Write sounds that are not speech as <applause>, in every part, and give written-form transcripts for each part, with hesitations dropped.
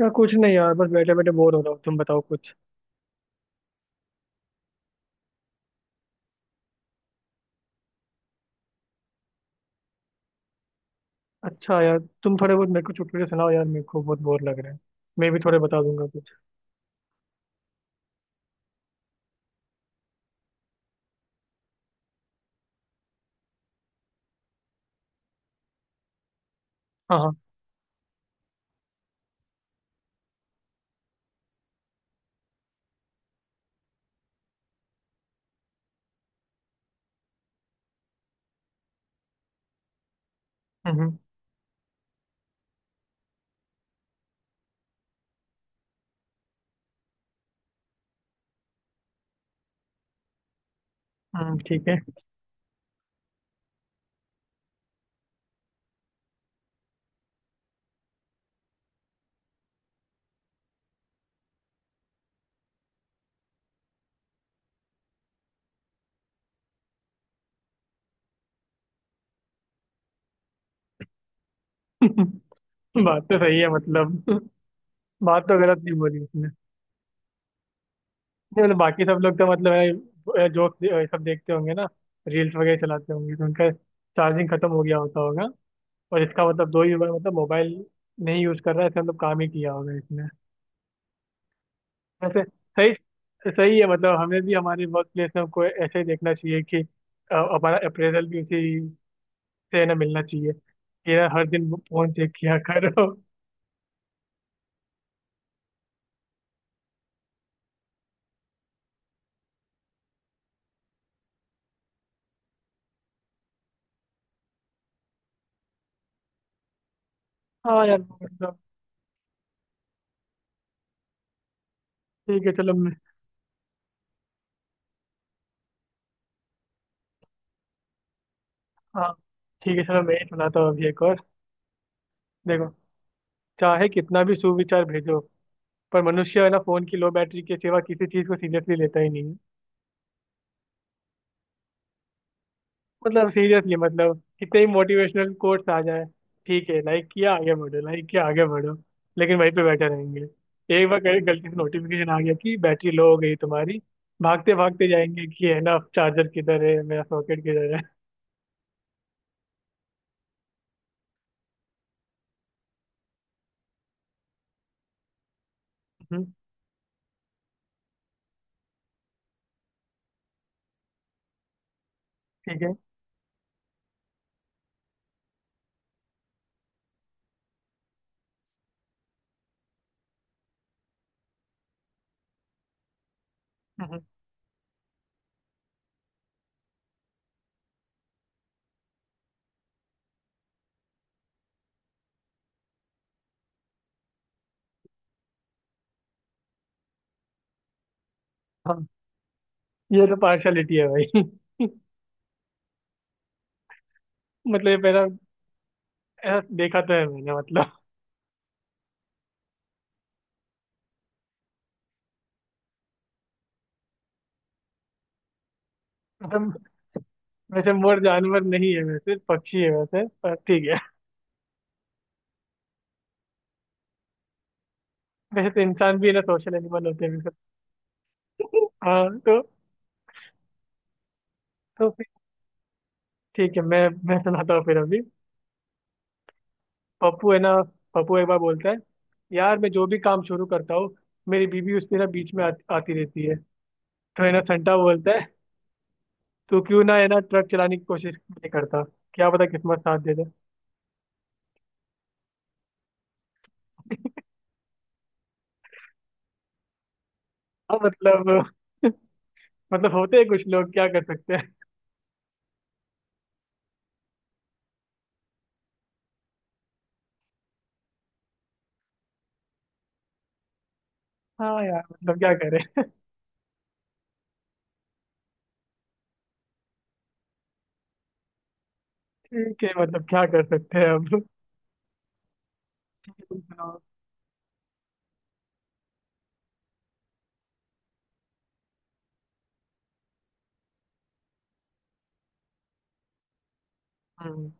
यार कुछ नहीं यार, बस बैठे बैठे बोर हो रहा हूँ। तुम बताओ कुछ। अच्छा यार, तुम थोड़े बहुत मेरे को चुटकुले सुनाओ यार, मेरे को बहुत बोर लग रहा है। मैं भी थोड़े बता दूंगा कुछ। हाँ हाँ। हम्म हम्म, ठीक है। <laughs> बात तो सही है मतलब। <laughs> बात तो गलत नहीं बोली उसने। नहीं मतलब, बाकी सब लोग तो मतलब जोक सब देखते होंगे ना। रील्स वगैरह चलाते होंगे तो उनका चार्जिंग खत्म हो गया होता होगा। और इसका मतलब दो ही बार मतलब मोबाइल नहीं यूज कर रहा है, इसका मतलब काम ही किया होगा। वैसे। सही सही है मतलब हमें भी हमारे वर्क प्लेस में को ऐसे ही देखना चाहिए कि हमारा अप्रेजल भी उसी से ना मिलना चाहिए कि यार हर दिन फोन चेक किया करो। हाँ यार मतलब। ठीक है चलो मैं। हाँ, ठीक है चलो मैं ही सुनाता हूँ अभी एक और। देखो, चाहे कितना भी सुविचार भेजो पर मनुष्य है ना फोन की लो बैटरी के सिवा किसी चीज को सीरियसली लेता ही नहीं। मतलब सीरियसली मतलब कितने ही मोटिवेशनल कोट्स आ जाए। ठीक है, लाइक किया आगे बढ़ो, लाइक किया आगे बढ़ो, लेकिन वहीं पे बैठे रहेंगे। एक बार कहीं गलती से नोटिफिकेशन आ गया कि बैटरी लो हो गई तुम्हारी, भागते भागते जाएंगे कि है ना चार्जर किधर है मेरा सॉकेट किधर है। हम्म, ठीक है। हम्म, हाँ। ये तो पार्शलिटी है भाई। <laughs> मतलब ये मेरा ऐसा देखा तो है मैंने, मतलब। मतलब वैसे मोर जानवर नहीं है, वैसे पक्षी है वैसे, पर ठीक है। वैसे तो इंसान भी है ना सोशल एनिमल होते हैं वैसे। <laughs> हाँ तो। तो ठीक है, मैं सुनाता हूँ फिर अभी। पप्पू है ना, पप्पू एक बार बोलता है, यार मैं जो भी काम शुरू करता हूँ, मेरी बीवी उसमें ना बीच में आती रहती है। तो है ना संटा बोलता है, तू क्यों ना है ना ट्रक चलाने की कोशिश नहीं करता, क्या पता किस्मत साथ दे दे। हाँ मतलब। मतलब होते हैं कुछ लोग, क्या कर सकते हैं। हाँ यार मतलब क्या करें। ठीक है मतलब क्या कर सकते हैं, अब तुम सुनाओ। हम्म।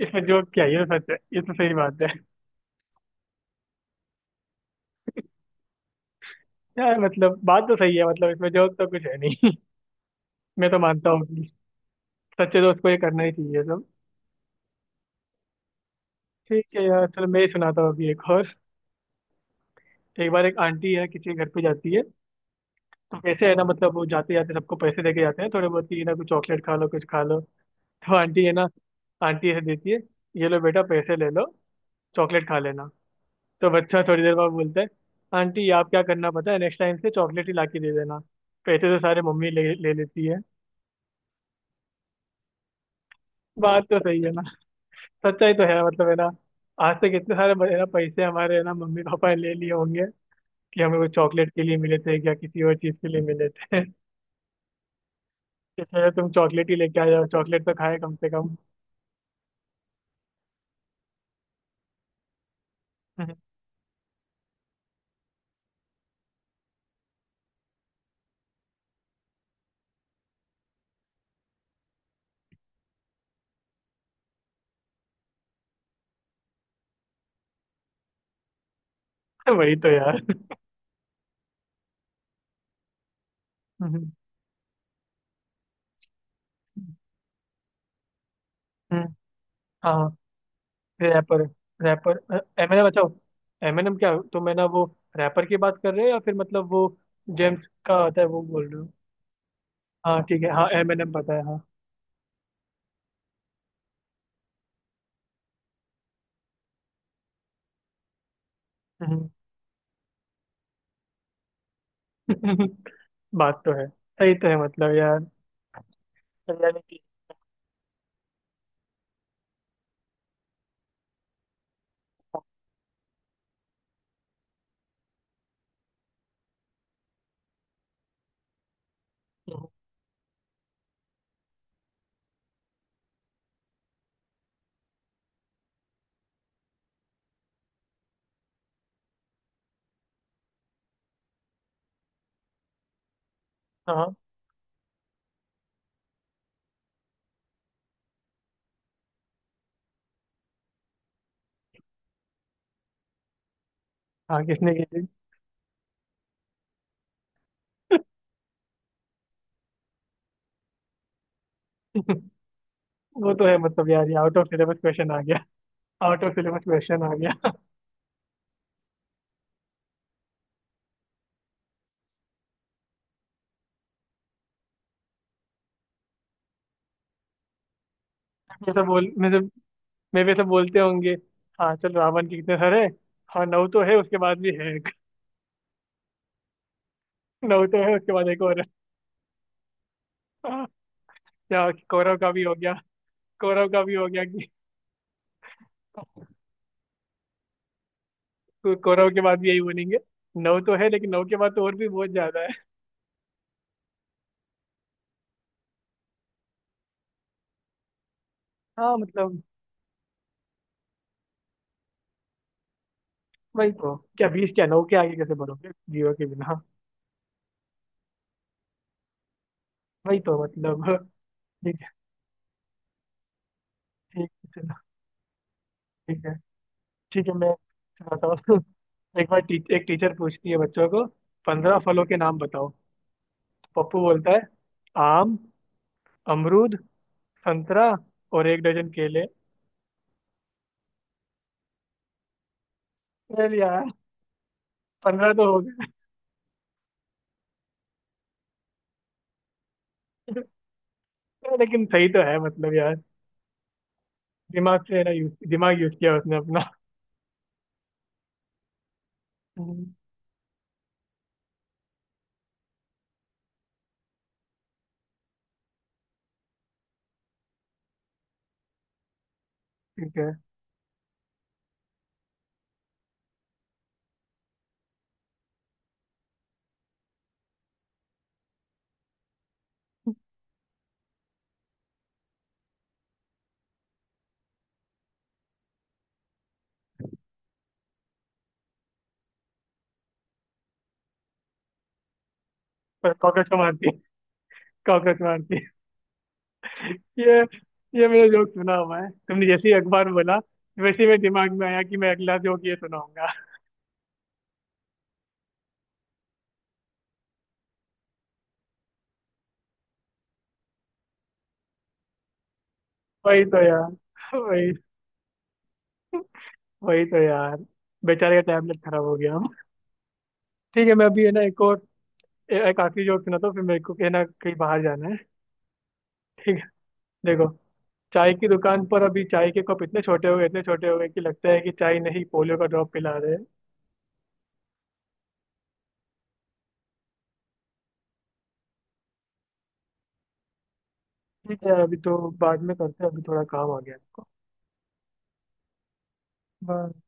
इसमें जोक क्या है, ये तो सच है, ये तो सही बात है। यार मतलब बात तो सही है, मतलब इसमें जोक तो कुछ है नहीं। <laughs> मैं तो मानता हूँ सच्चे दोस्त को ये करना ही चाहिए सब। ठीक है यार चलो, मैं ही सुनाता हूँ अभी एक और। एक बार एक आंटी है, किसी के घर पे जाती है। तो कैसे है ना मतलब वो जाते जाते सबको पैसे देके जाते हैं, थोड़े बहुत ही ना, कुछ चॉकलेट खा लो कुछ खा लो। तो आंटी है ना, आंटी ऐसे देती है, ये लो बेटा पैसे ले लो, चॉकलेट खा लेना। तो बच्चा थोड़ी देर बाद बोलता है, आंटी आप क्या करना पता है, नेक्स्ट टाइम से चॉकलेट ही ला के दे देना, पैसे तो सारे मम्मी ले ले लेती है। बात तो सही है ना। सच्चाई तो है मतलब है ना, आज तक इतने सारे है ना पैसे हमारे है ना मम्मी पापा ने ले लिए होंगे कि हमें वो चॉकलेट के लिए मिले थे या किसी और चीज के लिए मिले थे। <laughs> इसलिए तो तुम चॉकलेट ही लेके आ जाओ, चॉकलेट तो खाए कम से कम। <laughs> वही तो यार। <laughs> हम्म, हम्म, हाँ। Rapper rapper. एमएनएम बचाओ। एमएनएम क्या, तुम है ना वो रैपर की बात कर रहे हो या फिर मतलब वो जेम्स का आता है वो बोल रहे हो? हाँ ठीक है, हाँ एमएनएम पता है हाँ। हम्म। <laughs> बात तो है सही तो है मतलब यार। <laughs> यानी कि हाँ हाँ किसने की थी? वो तो है मतलब यार ये आउट ऑफ सिलेबस क्वेश्चन आ गया। आउट ऑफ सिलेबस क्वेश्चन आ गया। जैसे बोल मैं तो, मैं भी ऐसे बोलते होंगे। हाँ चल, रावण के कितने सारे, हाँ नौ तो है उसके बाद भी है एक। <laughs> नौ तो है उसके बाद एक और है। <laughs> हाँ। या कौरव का भी हो गया, कौरव का भी हो गया कि <laughs> तो कौरव के बाद भी यही बोलेंगे, नौ तो है लेकिन नौ के बाद तो और भी बहुत ज्यादा है। <laughs> हाँ मतलब वही तो, क्या 20, क्या नौ के आगे कैसे बोलोगे जीरो के बिना? हाँ। वही तो मतलब। <laughs> ठीक है। ठीक है चलो, ठीक है। ठीक है मैं सुनाता हूँ। <laughs> एक बार एक टीचर पूछती है बच्चों को, 15 फलों के नाम बताओ। पप्पू बोलता है आम, अमरूद, संतरा और एक डजन केले। चल यार, 15 तो हो गए लेकिन सही तो है मतलब यार, दिमाग से है ना, यूज दिमाग यूज किया उसने अपना। हम्म, ठीक है। पर कॉकरोच को मारती, कॉकरोच मारती। ये ये मेरा जोक सुना हुआ है, तुमने जैसे ही अखबार में बोला वैसे ही मेरे दिमाग में आया कि मैं अगला जोक ये सुनाऊंगा। वही तो यार वही, वही तो यार, बेचारे का टैबलेट खराब हो गया। ठीक है मैं अभी है ना एक और, एक आखिरी जोक सुनाता हूँ फिर मेरे को है ना कहीं बाहर जाना है। ठीक है, देखो, चाय की दुकान पर अभी चाय के कप इतने छोटे हो गए इतने छोटे हो गए कि लगता है कि चाय नहीं पोलियो का ड्रॉप पिला रहे हैं। ठीक है अभी तो बाद में करते हैं, अभी थोड़ा काम आ गया है हमको। बाय।